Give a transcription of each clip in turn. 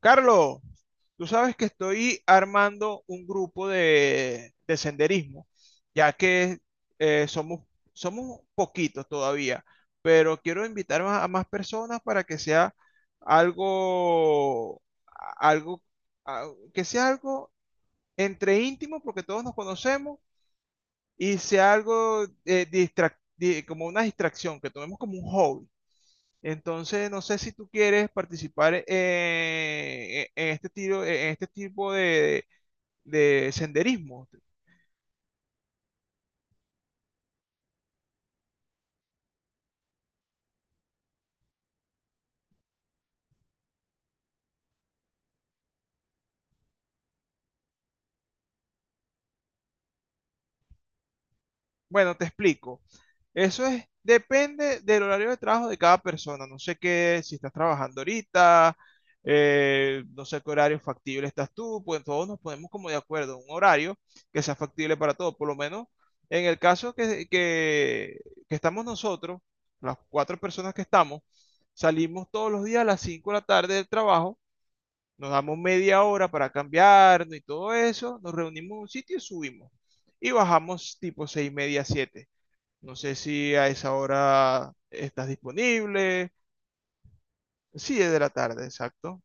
Carlos, tú sabes que estoy armando un grupo de senderismo, ya que eh, somos, somos poquitos todavía, pero quiero invitar a más personas para que sea algo, algo, que sea algo entre íntimo, porque todos nos conocemos, y sea algo como una distracción, que tomemos como un hobby. Entonces, no sé si tú quieres participar en este tipo de senderismo. Bueno, te explico. Eso es, depende del horario de trabajo de cada persona. No sé qué, si estás trabajando ahorita, no sé qué horario factible estás tú, pues todos nos ponemos como de acuerdo, un horario que sea factible para todos. Por lo menos en el caso que estamos nosotros, las 4 personas que estamos, salimos todos los días a las 5 de la tarde del trabajo, nos damos media hora para cambiarnos y todo eso, nos reunimos en un sitio y subimos. Y bajamos tipo 6 y media, 7. No sé si a esa hora estás disponible. Sí, es de la tarde, exacto.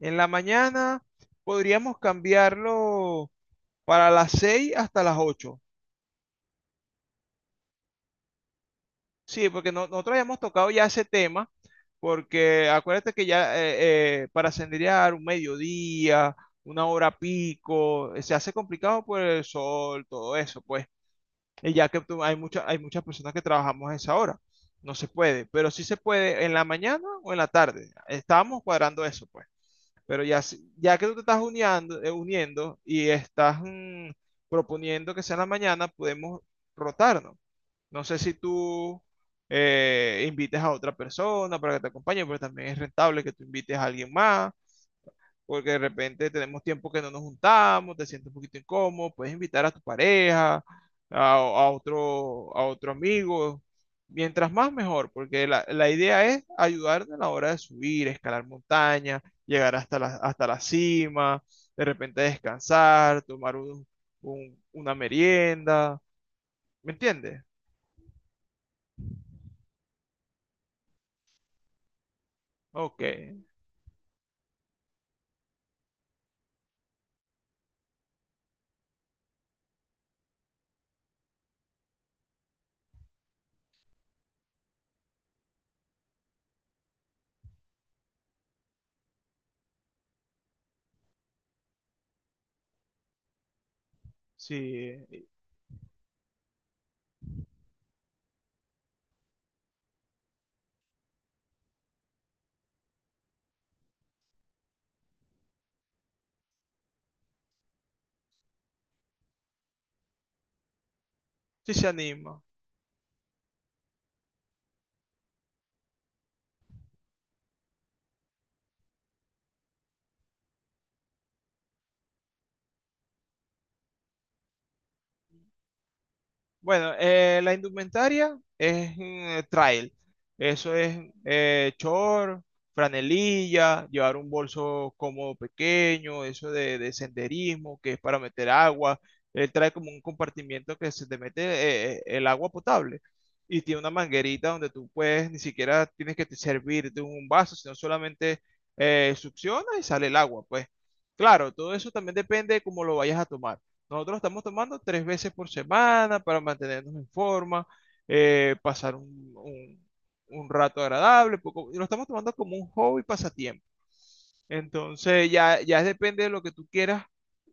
En la mañana podríamos cambiarlo para las 6 hasta las 8. Sí, porque nosotros habíamos tocado ya ese tema, porque acuérdate que ya para senderear un mediodía, una hora pico, se hace complicado por el sol, todo eso, pues. Y ya que hay hay muchas personas que trabajamos a esa hora. No se puede, pero sí se puede en la mañana o en la tarde. Estábamos cuadrando eso, pues. Pero ya, ya que tú te estás uniando, uniendo y estás proponiendo que sea en la mañana, podemos rotarnos. No sé si tú invites a otra persona para que te acompañe, pero también es rentable que tú invites a alguien más porque de repente tenemos tiempo que no nos juntamos, te sientes un poquito incómodo, puedes invitar a tu pareja, a otro amigo. Mientras más mejor, porque la idea es ayudar a la hora de subir, escalar montañas, llegar hasta la cima, de repente descansar, una merienda. ¿Me entiendes? Ok, sí, sí se anima. Bueno, la indumentaria es trail. Eso es short, franelilla, llevar un bolso cómodo pequeño, eso de senderismo, que es para meter agua. Él trae como un compartimiento que se te mete el agua potable y tiene una manguerita donde tú puedes, ni siquiera tienes que te servir de un vaso, sino solamente succiona y sale el agua. Pues claro, todo eso también depende de cómo lo vayas a tomar. Nosotros estamos tomando 3 veces por semana para mantenernos en forma, eh, pasar un, un- un rato agradable, y lo estamos tomando como un hobby pasatiempo. Entonces ya, ya depende de lo que tú quieras,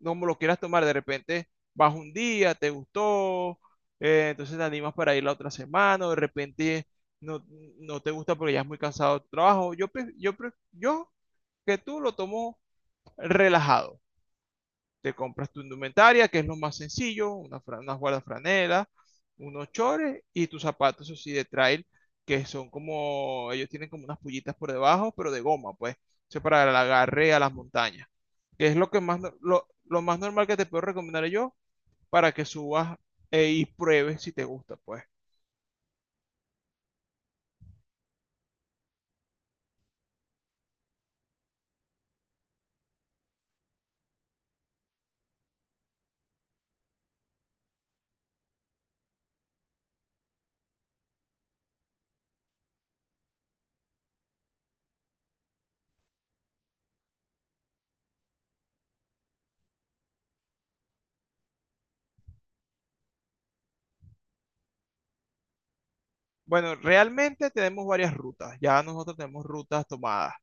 cómo lo quieras tomar. De repente vas un día, te gustó, entonces te animas para ir la otra semana, o de repente no, no te gusta porque ya es muy cansado tu trabajo. Yo que tú lo tomo relajado, te compras tu indumentaria, que es lo más sencillo, una fra- unas una guardafranelas, unos chores y tus zapatos, eso sí, de trail, que son como, ellos tienen como unas pullitas por debajo, pero de goma, pues, eso para el agarre a las montañas, que es lo que más, lo más normal que te puedo recomendar yo para que subas y pruebes si te gusta, pues. Bueno, realmente tenemos varias rutas, ya nosotros tenemos rutas tomadas.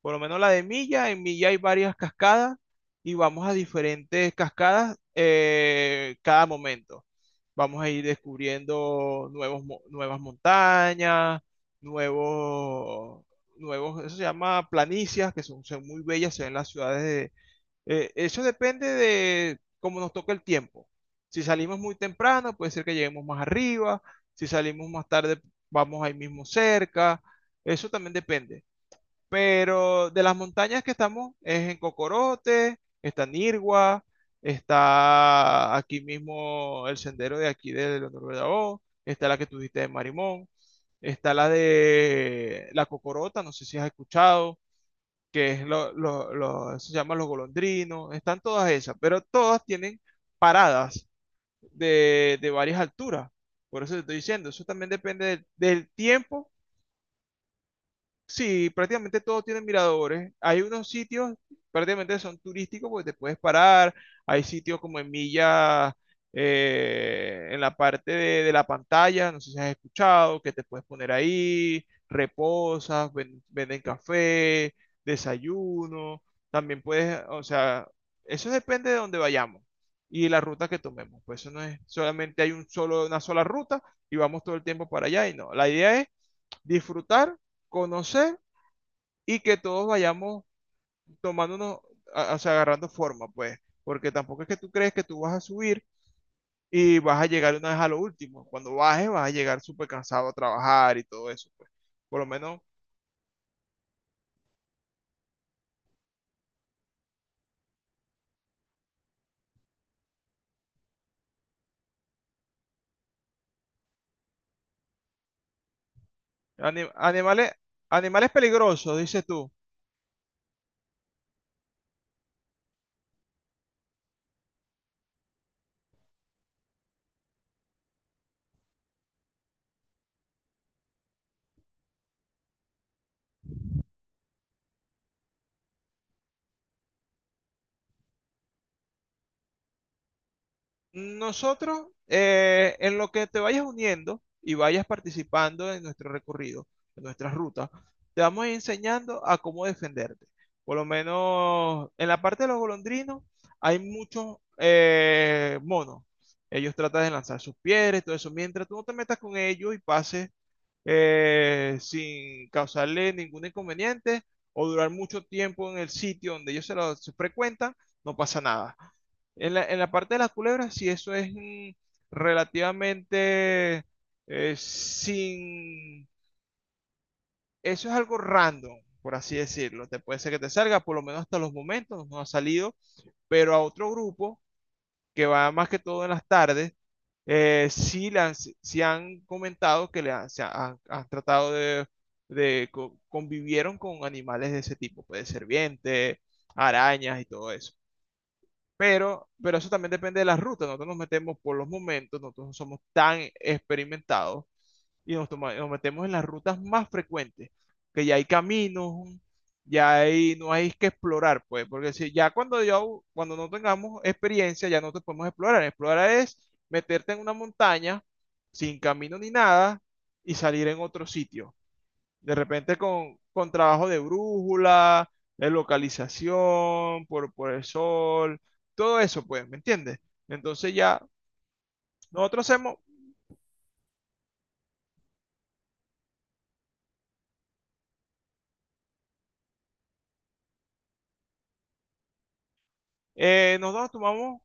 Por lo menos la de Milla, en Milla hay varias cascadas y vamos a diferentes cascadas cada momento. Vamos a ir descubriendo nuevas montañas, nuevos, nuevos, eso se llama planicias, que son, son muy bellas, se ven las ciudades de... eso depende de cómo nos toque el tiempo. Si salimos muy temprano, puede ser que lleguemos más arriba. Si salimos más tarde, vamos ahí mismo cerca. Eso también depende. Pero de las montañas que estamos es en Cocorote, está Nirgua, está aquí mismo el sendero de aquí de Leonor Bellao, está la que tú dijiste de Marimón, está la de la Cocorota, no sé si has escuchado, que es se llaman los golondrinos, están todas esas, pero todas tienen paradas de varias alturas. Por eso te estoy diciendo, eso también depende del tiempo. Sí, prácticamente todos tienen miradores. Hay unos sitios, prácticamente son turísticos, porque te puedes parar. Hay sitios como en Milla, en la parte de la pantalla, no sé si has escuchado, que te puedes poner ahí, reposas, venden café, desayuno. También puedes, o sea, eso depende de dónde vayamos y la ruta que tomemos. Pues eso no es solamente hay un solo, una sola ruta y vamos todo el tiempo para allá y no. La idea es disfrutar, conocer y que todos vayamos tomándonos, o sea, agarrando forma, pues, porque tampoco es que tú crees que tú vas a subir y vas a llegar una vez a lo último. Cuando bajes, vas a llegar súper cansado a trabajar y todo eso, pues. Por lo menos, animales, animales peligrosos, dices tú. Nosotros, en lo que te vayas uniendo y vayas participando en nuestro recorrido, en nuestras rutas, te vamos enseñando a cómo defenderte. Por lo menos en la parte de los golondrinos hay muchos monos. Ellos tratan de lanzar sus piedras y todo eso. Mientras tú no te metas con ellos y pases sin causarle ningún inconveniente o durar mucho tiempo en el sitio donde ellos se frecuentan, no pasa nada. En en la parte de las culebras, si eso es relativamente sin... Eso es algo random, por así decirlo. Te puede ser que te salga, por lo menos hasta los momentos nos ha salido, pero a otro grupo que va más que todo en las tardes, sí, le han, sí han comentado que le han, han tratado de, convivieron con animales de ese tipo, puede ser serpientes, arañas y todo eso. Pero eso también depende de las rutas. Nosotros nos metemos por los momentos, nosotros no somos tan experimentados y nos metemos en las rutas más frecuentes, que ya hay caminos, ya hay, no hay que explorar, pues, porque si ya cuando yo, cuando no tengamos experiencia, ya no te podemos explorar. Explorar es meterte en una montaña sin camino ni nada y salir en otro sitio. De repente con trabajo de brújula, de localización, por el sol, todo eso, pues, ¿me entiendes? Entonces ya nosotros hacemos, nosotros tomamos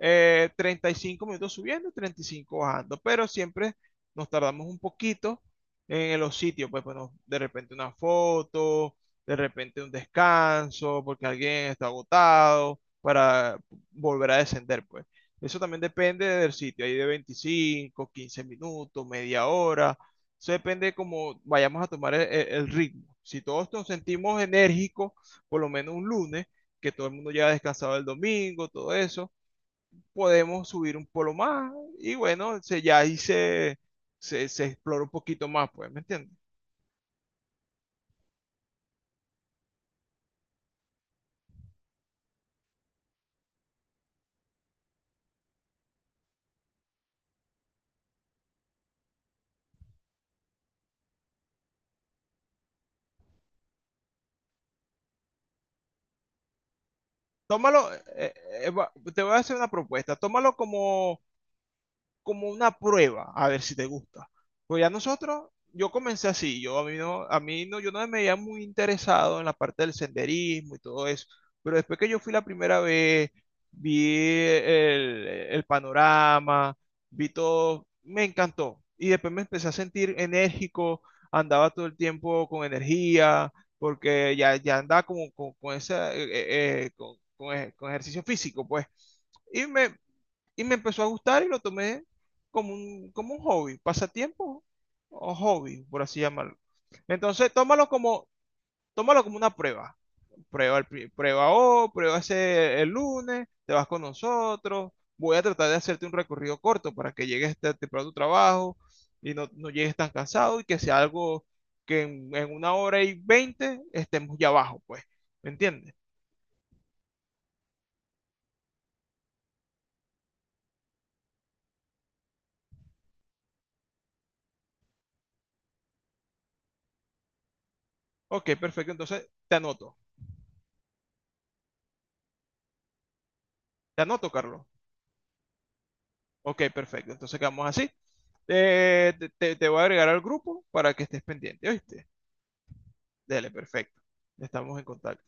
35 minutos subiendo, 35 bajando, pero siempre nos tardamos un poquito en los sitios, pues bueno, de repente una foto, de repente un descanso, porque alguien está agotado, para volver a descender, pues. Eso también depende del sitio, ahí de 25, 15 minutos, media hora. Eso depende de cómo vayamos a tomar el ritmo. Si todos nos sentimos enérgicos, por lo menos un lunes, que todo el mundo ya ha descansado el domingo, todo eso, podemos subir un polo más y bueno, ya ahí se explora un poquito más, pues, ¿me entiendes? Tómalo, eh, te voy a hacer una propuesta, tómalo como como una prueba, a ver si te gusta. Pues ya nosotros, yo comencé así, yo a mí no, yo no me veía muy interesado en la parte del senderismo y todo eso, pero después que yo fui la primera vez, vi el panorama, vi todo, me encantó. Y después me empecé a sentir enérgico, andaba todo el tiempo con energía, porque ya, ya andaba como con esa, con ejercicio físico, pues. Y me, y me empezó a gustar y lo tomé como como un hobby, pasatiempo o hobby, por así llamarlo. Entonces, tómalo como una prueba. Prueba, prueba hoy, prueba ese el lunes, te vas con nosotros. Voy a tratar de hacerte un recorrido corto para que llegues temprano a tu trabajo y no, no llegues tan cansado y que sea algo que en 1 hora y 20 estemos ya abajo, pues. ¿Me entiendes? Ok, perfecto. Entonces, te anoto. Te anoto, Carlos. Ok, perfecto. Entonces quedamos así. Te voy a agregar al grupo para que estés pendiente, ¿oíste? Dale, perfecto. Estamos en contacto.